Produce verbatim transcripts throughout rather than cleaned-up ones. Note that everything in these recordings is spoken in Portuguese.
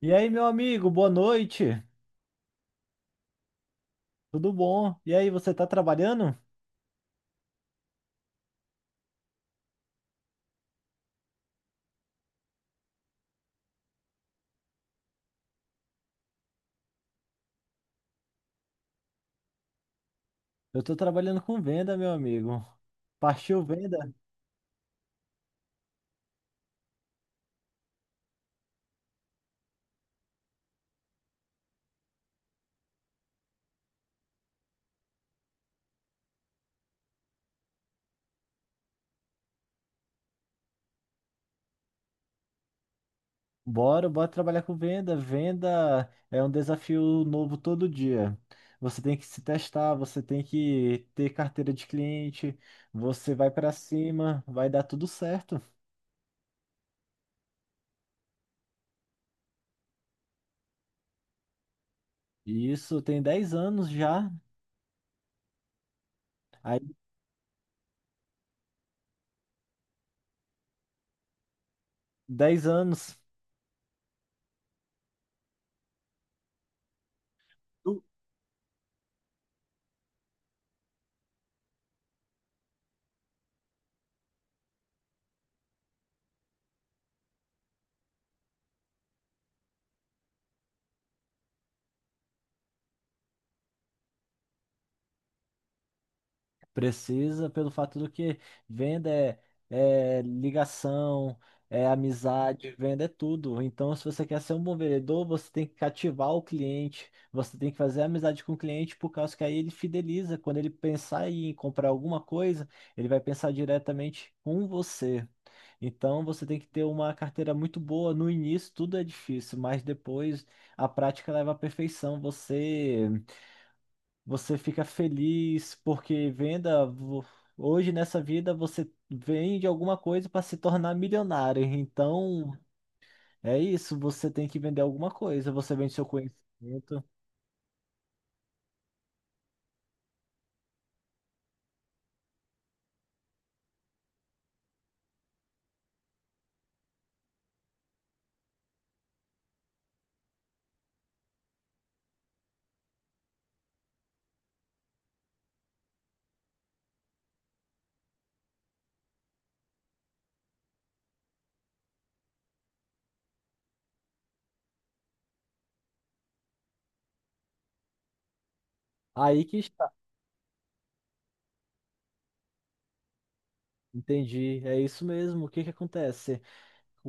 E aí, meu amigo, boa noite. Tudo bom? E aí, você tá trabalhando? Eu tô trabalhando com venda, meu amigo. Partiu venda? Bora, bora trabalhar com venda. Venda é um desafio novo todo dia. Você tem que se testar, você tem que ter carteira de cliente, você vai pra cima, vai dar tudo certo. E isso tem dez anos já. Aí, dez anos. Precisa pelo fato do que venda é, é ligação, é amizade, venda é tudo. Então, se você quer ser um bom vendedor, você tem que cativar o cliente, você tem que fazer amizade com o cliente, por causa que aí ele fideliza. Quando ele pensar em comprar alguma coisa, ele vai pensar diretamente com você. Então, você tem que ter uma carteira muito boa. No início, tudo é difícil, mas depois a prática leva à perfeição. Você. Você fica feliz porque venda. vo- Hoje nessa vida você vende alguma coisa para se tornar milionário. Então é isso, você tem que vender alguma coisa. Você vende seu conhecimento. Aí que está. Entendi. É isso mesmo. O que que acontece?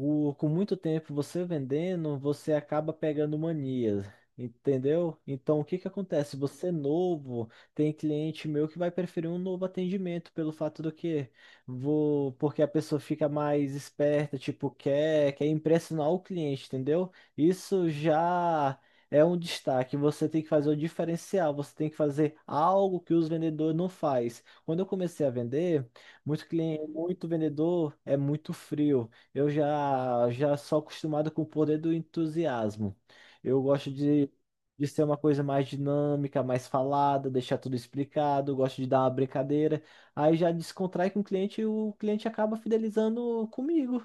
o- Com muito tempo você vendendo, você acaba pegando mania, entendeu? Então, o que que acontece? Você é novo, tem cliente meu que vai preferir um novo atendimento pelo fato do que vou, porque a pessoa fica mais esperta, tipo, quer, quer impressionar o cliente, entendeu? Isso já é um destaque. Você tem que fazer o diferencial, você tem que fazer algo que os vendedores não faz. Quando eu comecei a vender, muito cliente, muito vendedor é muito frio. Eu já já sou acostumado com o poder do entusiasmo. Eu gosto de, de ser uma coisa mais dinâmica, mais falada, deixar tudo explicado, gosto de dar uma brincadeira. Aí já descontrai com o cliente e o cliente acaba fidelizando comigo.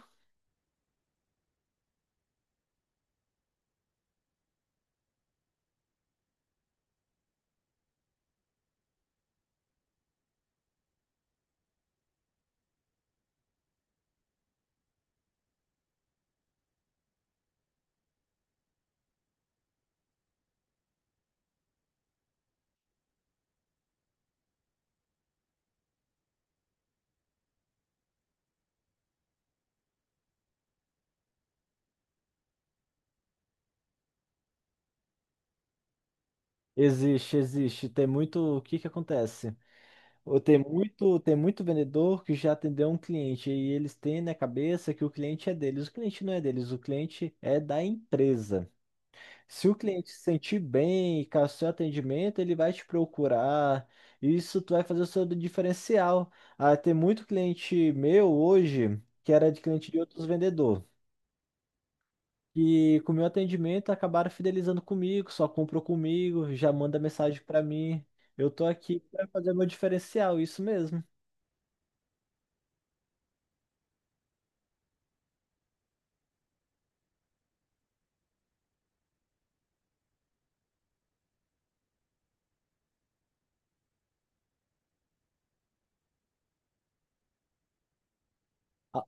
Existe, existe. Tem muito. O que que acontece? Ou Tem muito, tem muito vendedor que já atendeu um cliente e eles têm na cabeça que o cliente é deles. O cliente não é deles, o cliente é da empresa. Se o cliente se sentir bem e com o seu atendimento, ele vai te procurar. Isso tu vai fazer o seu diferencial. Ah, tem muito cliente meu hoje que era de cliente de outros vendedores. E com o meu atendimento acabaram fidelizando comigo, só comprou comigo, já manda mensagem para mim. Eu tô aqui para fazer meu diferencial, isso mesmo. Ah,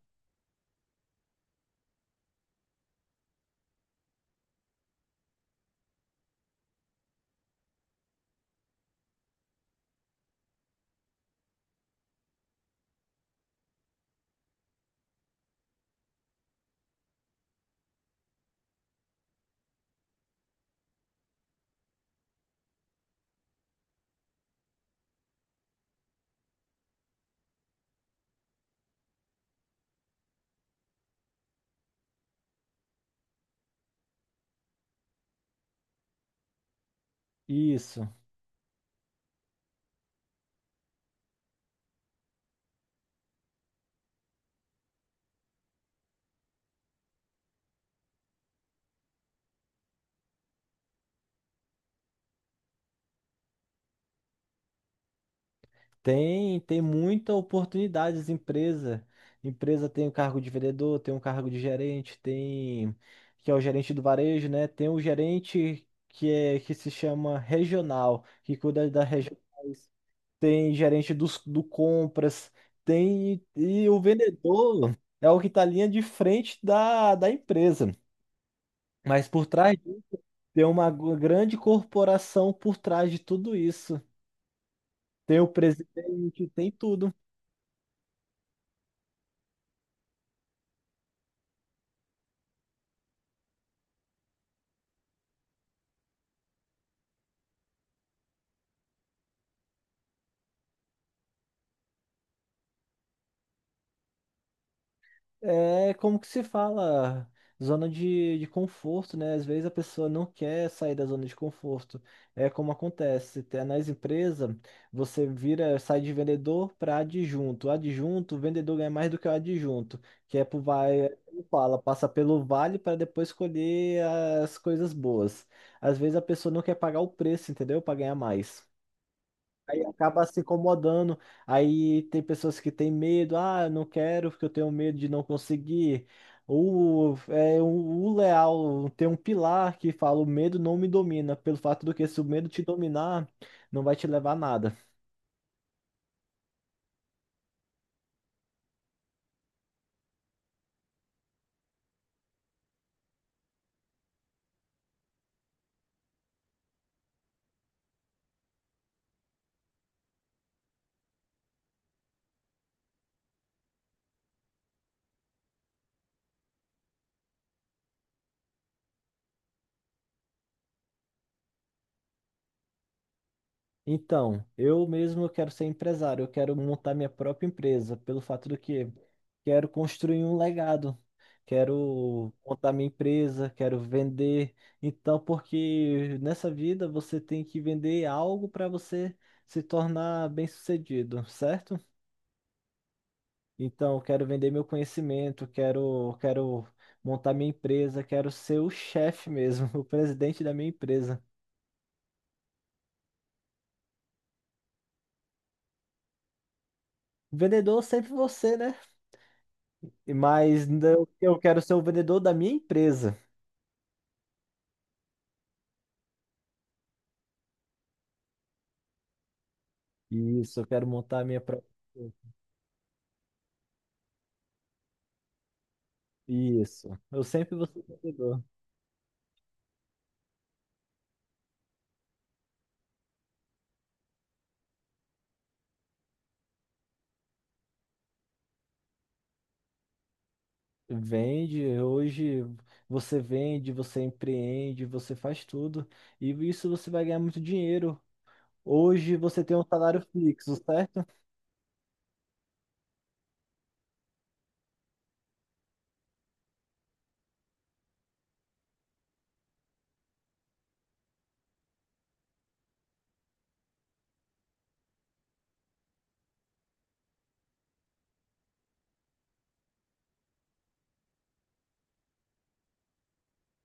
isso. Tem, tem muita oportunidade as empresas. Empresa tem o cargo de vendedor, tem um cargo de gerente, tem que é o gerente do varejo, né? Tem o gerente que é que se chama regional, que cuida das regionais. Tem gerente dos, do compras, tem e o vendedor é o que está linha de frente da, da empresa. Mas por trás disso, tem uma grande corporação por trás de tudo isso. Tem o presidente, tem tudo. É como que se fala, zona de, de conforto, né? Às vezes a pessoa não quer sair da zona de conforto. É como acontece, até nas empresas, você vira, sai de vendedor para adjunto. O adjunto, o vendedor ganha mais do que o adjunto, que é por vai, como fala, passa pelo vale para depois escolher as coisas boas. Às vezes a pessoa não quer pagar o preço, entendeu? Para ganhar mais. Aí acaba se incomodando. Aí tem pessoas que têm medo, ah, eu não quero porque eu tenho medo de não conseguir. O, é, o, o leal tem um pilar que fala: o medo não me domina, pelo fato do que se o medo te dominar, não vai te levar a nada. Então, eu mesmo quero ser empresário, eu quero montar minha própria empresa, pelo fato do que quero construir um legado, quero montar minha empresa, quero vender. Então, porque nessa vida você tem que vender algo para você se tornar bem-sucedido, certo? Então, eu quero vender meu conhecimento, quero, quero montar minha empresa, quero ser o chefe mesmo, o presidente da minha empresa. Vendedor sempre você, né? E- Mas não- eu quero ser o vendedor da minha empresa. Isso, eu quero montar a minha própria. Isso. Eu sempre vou ser vendedor. Vende, hoje você vende, você empreende, você faz tudo. E isso você vai ganhar muito dinheiro. Hoje você tem um salário fixo, certo?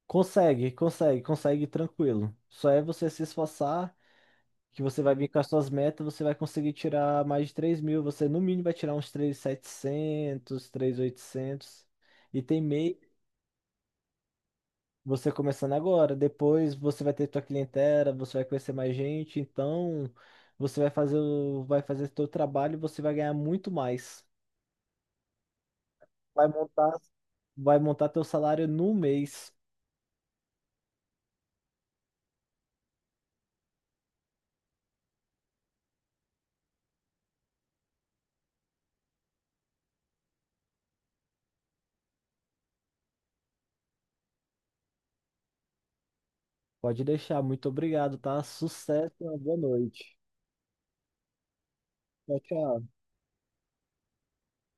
Consegue, consegue, consegue tranquilo. Só é você se esforçar que você vai vir com as suas metas, você vai conseguir tirar mais de três mil. Você, no mínimo, vai tirar uns três mil e setecentos, oitocentos. E tem mei, você começando agora. Depois você vai ter tua clientela, você vai conhecer mais gente. Então, você vai fazer o, vai fazer teu trabalho e você vai ganhar muito mais. Vai montar, vai montar teu salário no mês. Pode deixar. Muito obrigado, tá? Sucesso, e uma boa noite. Tchau, tchau.